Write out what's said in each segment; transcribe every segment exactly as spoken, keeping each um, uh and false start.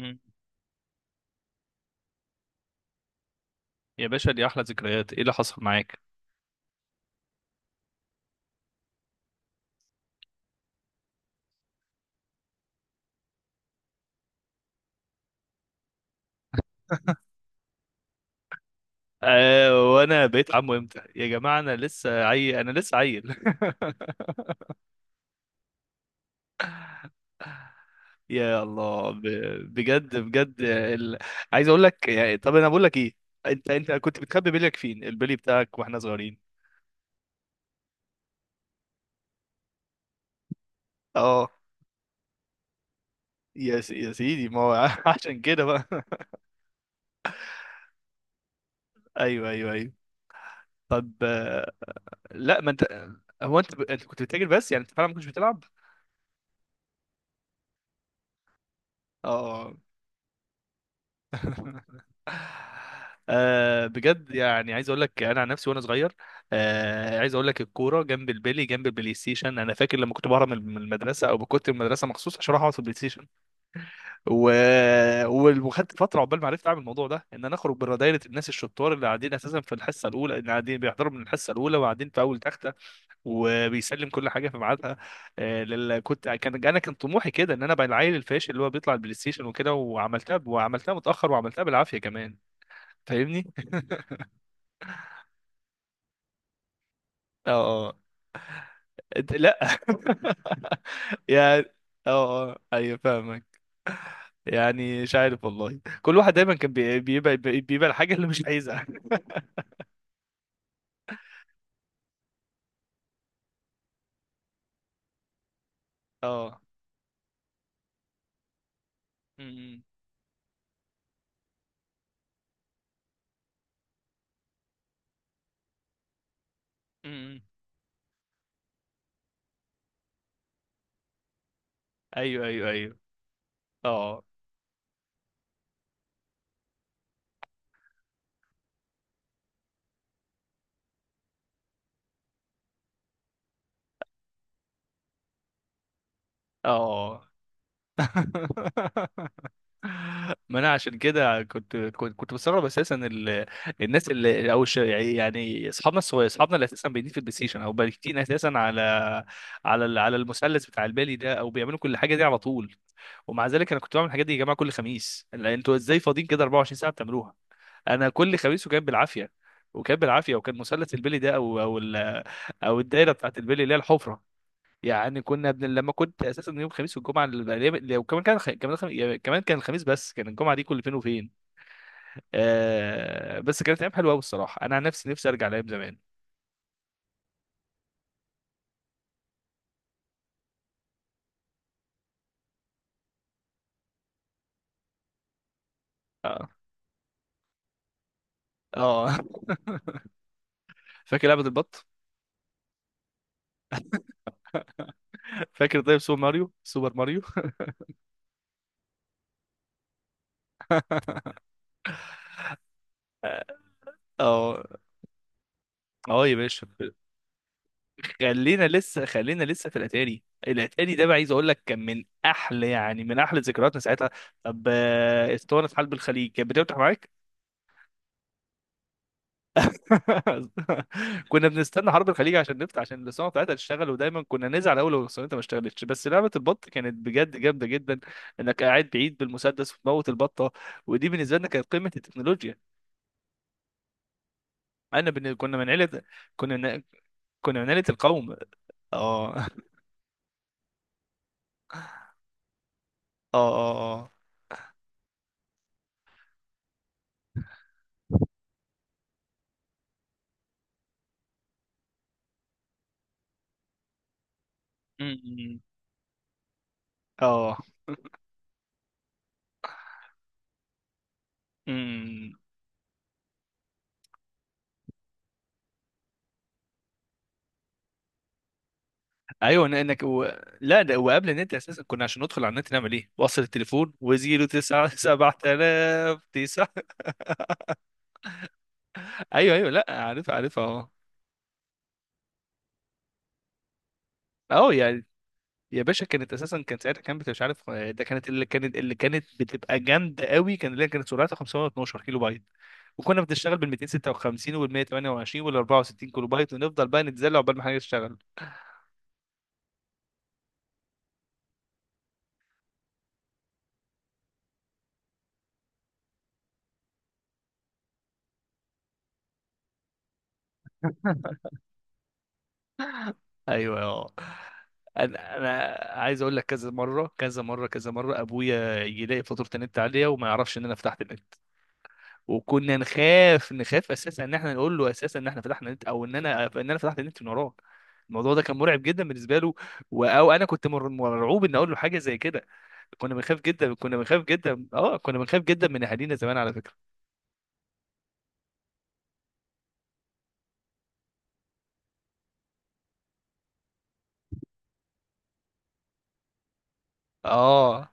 مم. يا باشا دي احلى ذكريات، ايه اللي حصل معاك؟ آه، وانا بقيت عمو امتى يا جماعه؟ انا لسه عيل، انا لسه عيل. يا الله ب... بجد بجد ال... عايز اقول لك يعني، طب انا بقول لك ايه؟ انت انت كنت بتخبي بليك فين، البلي بتاعك واحنا صغيرين؟ اه. يا س... يا سيدي ما هو عشان كده بقى. ايوه ايوه ايوه. طب، آه، لا ما انت. هو انت ب... انت كنت بتتاجر، بس يعني انت فعلا ما كنتش بتلعب؟ اه. آه بجد، يعني عايز اقول لك انا عن نفسي وانا صغير. آه، عايز اقول لك الكوره جنب البلي جنب البلاي ستيشن. انا فاكر لما كنت بهرب من من المدرسه، او كنت من المدرسه مخصوص عشان اروح اقعد في البلاي ستيشن. و... و- وخدت فتره عقبال ما عرفت اعمل الموضوع ده، ان انا اخرج بره دايره الناس الشطار اللي قاعدين اساسا في الحصه الاولى، اللي قاعدين بيحضروا من الحصه الاولى وقاعدين في اول تخت، وبيسلم كل حاجه في ميعادها. آه، لل- كنت كان انا كان طموحي كده ان انا ابقى العيل الفاشل اللي هو بيطلع البلاي ستيشن وكده، وعملتها، وعملتها متاخر، وعملتها بالعافيه كمان. فاهمني؟ اه اه. أنت- لا. يعني. اه اه ايوه، فاهمك. يعني مش عارف والله، كل واحد دايما كان بي- بيبقى بيبقى الحاجه اللي مش عايزها. اه. امم. امم. ايوه ايوه ايوه. اه اه. ما انا عشان كده كنت كنت كنت بستغرب اساسا ال... الناس اللي، او الش... يعني اصحابنا الصغير، اصحابنا اللي اساسا بيدين في البلاي ستيشن او بايتين اساسا على على ال- على المثلث بتاع البالي ده، او بيعملوا كل حاجه دي على طول. ومع ذلك انا كنت بعمل الحاجات دي يا جماعه كل خميس. لا، انتوا ازاي فاضيين كده أربعة وعشرين ساعه بتعملوها؟ انا كل خميس وكان بالعافيه. وكان بالعافيه، وكان مثلث البلي ده، او او ال- او الدايره بتاعت البلي اللي هي الحفره. يعني كنا بن... لما كنت اساسا يوم الخميس والجمعه اللي... وكمان كان خ... كمان خ... يعني كمان كان الخميس، بس كان الجمعه دي كل فين وفين. آه... بس كانت ايام حلوه قوي الصراحه، انا عن نفسي نفسي ارجع لايام زمان. اه اه. فاكر لعبه البط؟ فاكر طيب سوبر ماريو؟ سوبر ماريو. اه اه يا باشا. خلينا لسه، خلينا لسه في الاتاري. الاتاري ده بقى عايز اقول لك كان من احلى، يعني من احلى ذكرياتنا ساعتها. طب، آه، اسطوانه حلب الخليج كانت بتفتح معاك؟ كنا بنستنى حرب الخليج عشان نفتح، عشان الصناعه بتاعتها تشتغل، ودايما كنا نزعل اول لو الصناعه ما اشتغلتش. بس لعبه البط كانت بجد جامده جدا، انك قاعد بعيد بالمسدس وتموت البطه. ودي بالنسبه لنا كانت قمه التكنولوجيا. انا بن... كنا من عيله. كنا من... كنا من عيله القوم. اه اه اه اه. أمم. اه. أمم. ايوه إن- انك و... لا، ده وقبل النت اساسا، كنا عشان ندخل على النت نعمل ايه؟ وصل التليفون، وزيرو تسعة سبعة آلاف تسعة. ايوه ايوه، لا عارف عارف. آه. اه يعني. يا باشا كانت اساسا، كان ساعتها كانت مش عارف، آه، ده كانت اللي كانت اللي كانت بتبقى جامده قوي، كان اللي هي كانت سرعتها خمسمئة واثنا عشر كيلو بايت. وكنا بنشتغل بال ميتين وستة وخمسين وال مية وتمنية وعشرين وال أربعة وستين كيلو بايت، ونفضل بقى نتزلق عقبال ما حاجه تشتغل. ايوه. اه. انا انا عايز اقول لك، كذا مره كذا مره كذا مره ابويا يلاقي فاتوره النت عاليه وما يعرفش ان انا فتحت النت. وكنا نخاف، نخاف اساسا ان احنا نقول له اساسا ان احنا فتحنا نت، او ان انا ان انا فتحت النت من وراه. الموضوع ده كان مرعب جدا بالنسبه له. و- او انا كنت مر- مرعوب ان اقول له حاجه زي كده. كنا بنخاف جدا، كنا بنخاف جدا، اه كنا بنخاف جدا من اهالينا زمان على فكره. اه.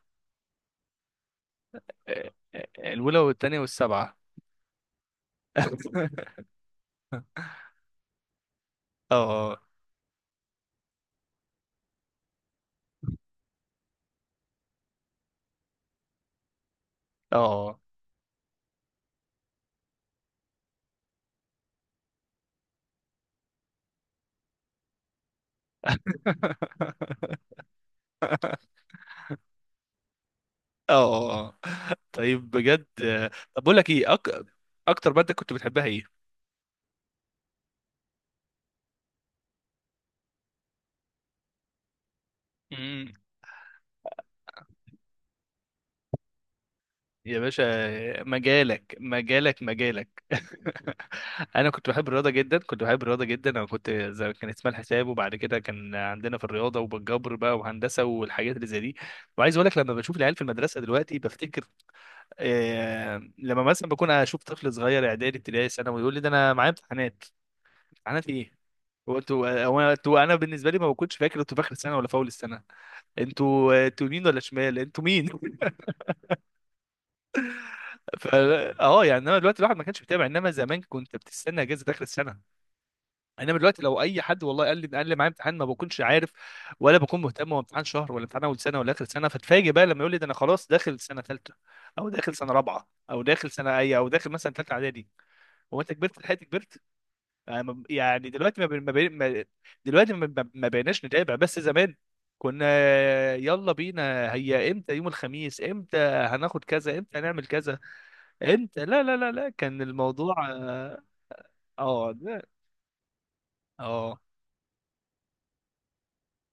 آه، آه، الاولى والثانيه والسبعه. اه اه. اه طيب بجد، آه، طب بقول لك ايه، أك... اكتر ماده كنت بتحبها؟ ايه؟ يا باشا، مجالك مجالك مجالك. انا كنت بحب الرياضه جدا، كنت بحب الرياضه جدا. انا كنت زي، كان اسمها الحساب، وبعد كده كان عندنا في الرياضه وبالجبر بقى، وهندسه والحاجات اللي زي دي. وعايز اقول لك، لما بشوف العيال في المدرسه دلوقتي بفتكر. آه، لما مثلا بكون اشوف طفل صغير، اعدادي، ابتدائي، ثانوي، يقول لي ده انا معايا امتحانات. امتحانات ايه؟ هو انتوا هو انتوا انا بالنسبه لي ما بكونش فاكر انتوا في اخر السنه ولا في اول السنه. انتوا، آه، انتوا يمين ولا شمال؟ انتوا مين؟ ف- اه يعني، انما دلوقتي الواحد ما كانش بيتابع، انما زمان كنت بتستنى اجازه اخر السنه. انما دلوقتي لو اي حد والله قال لي قال لي معايا امتحان، ما بكونش عارف ولا بكون مهتم هو امتحان شهر ولا امتحان اول سنه ولا اخر سنه. فتفاجئ بقى لما يقول لي ده انا خلاص داخل سنه ثالثه، او داخل سنه رابعه او داخل سنه اي، او داخل مثلا ثالثه اعدادي. هو انت كبرت؟ لحقت كبرت؟ يعني ما- يعني دلوقتي ما, بين- ما, بين- ما دلوقتي ما, ما ما بقيناش نتابع، بس زمان كنا. يلا بينا، هي امتى يوم الخميس، امتى هناخد كذا، امتى هنعمل كذا. انت لا لا لا لا كان الموضوع اه. اه لا. آه.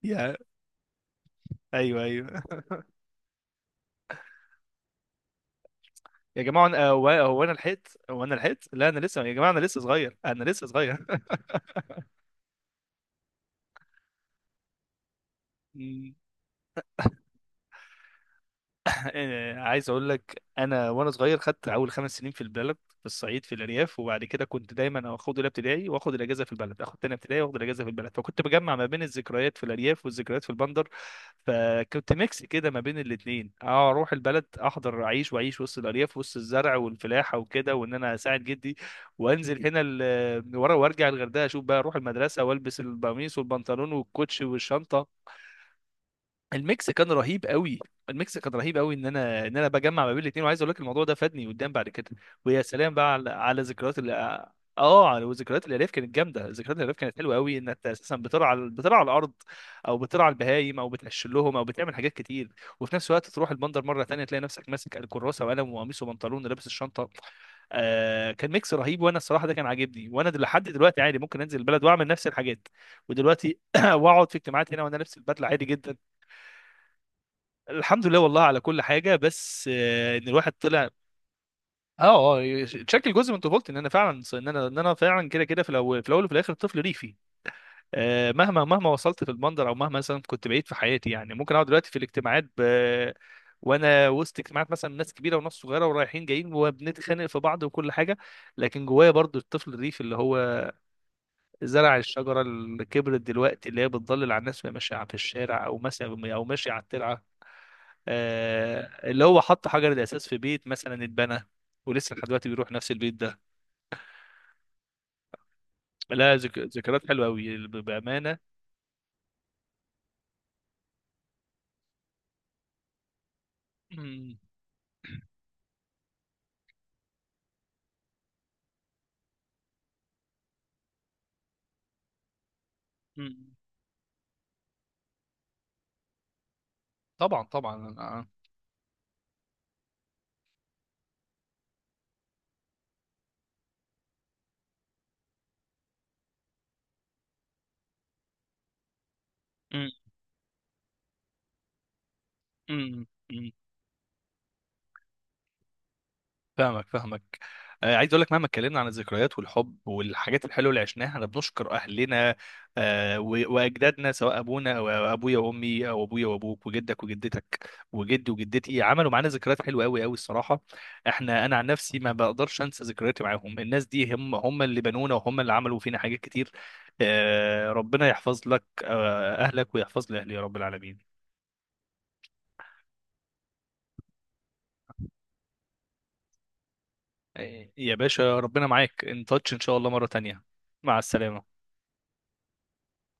يا. ايوه ايوه يا جماعه، أنا- هو هو انا لحقت، هو انا لحقت، لا انا لسه يا جماعه، انا لسه صغير، انا لسه صغير. عايز اقول لك، انا وانا صغير خدت اول خمس سنين في البلد، في الصعيد، في الارياف. وبعد كده كنت دايما اخد اولى ابتدائي واخد الاجازه في البلد، اخد تانية ابتدائي واخد الاجازه في البلد، فكنت بجمع ما بين الذكريات في الارياف والذكريات في البندر. فكنت ميكس كده ما بين الاثنين، اروح البلد، احضر، اعيش، واعيش وسط الارياف، وسط الزرع والفلاحه وكده، وان انا اساعد جدي. وانزل هنا ال- ورا، وارجع الغردقه، اشوف بقى، اروح المدرسه والبس القميص والبنطلون والكوتش والشنطه. الميكس كان رهيب قوي. الميكس كان رهيب قوي، ان انا، ان انا بجمع ما بين الاثنين. وعايز اقول لك الموضوع ده فادني قدام بعد كده. ويا سلام بقى على، على ذكريات ال. اه، على، وذكريات الالياف كانت جامده، ذكريات الالياف كانت حلوه قوي، ان انت اساسا بترعى، بترعى الارض، او بترعى البهايم، او بتقشر لهم، او بتعمل حاجات كتير. وفي نفس الوقت تروح البندر مره تانية، تلاقي نفسك ماسك الكراسه وقلم وقميص وبنطلون ولابس الشنطه. آه كان ميكس رهيب. وانا الصراحه ده كان عاجبني، وانا دل- لحد دلوقتي عادي ممكن انزل البلد واعمل نفس الحاجات. ودلوقتي واقعد في اجتماعات هنا وانا لابس البدله عادي جدا. الحمد لله والله على كل حاجه. بس آه، ان الواحد طلع. اه اه تشكل جزء من طفولتي، ان انا فعلا، ان انا ان انا فعلا كده، كده في الاول، في الاول وفي الاخر طفل ريفي. آه، مهما مهما وصلت في المنظر، او مهما مثلا كنت بعيد في حياتي، يعني ممكن اقعد دلوقتي في الاجتماعات ب... وانا وسط اجتماعات مثلا ناس كبيره وناس صغيره ورايحين جايين وبنتخانق في بعض وكل حاجه، لكن جوايا برضو الطفل الريفي اللي هو زرع الشجرة اللي كبرت دلوقتي، اللي هي بتضلل على الناس وهي ماشية في الشارع، أو مثلا أو ماشية على الترعة. آه، اللي هو حط حجر الأساس في بيت مثلا اتبنى، ولسه لحد دلوقتي بيروح نفس البيت ده. لا، ذك... ذكريات حلوة أوي بأمانة. مم. مم. طبعا طبعا، أنا- مم. مم. مم. فاهمك، فاهمك. آه، عايز اقول لك مهما اتكلمنا عن الذكريات والحب والحاجات الحلوه اللي عشناها، احنا بنشكر اهلنا. آه، و- واجدادنا، سواء ابونا، او أو ابويا وامي، او ابويا وابوك وجدك وجدتك وجدي وجدتي، عملوا معانا ذكريات حلوه قوي قوي الصراحه. احنا، انا عن نفسي ما بقدرش انسى ذكرياتي معاهم. الناس دي هم هم اللي بنونا، وهم اللي عملوا فينا حاجات كتير. آه، ربنا يحفظ لك، آه، اهلك، ويحفظ لي اهلي يا رب العالمين. آه، يا باشا، ربنا معاك، ان تاتش ان شاء الله مره تانية. مع السلامه.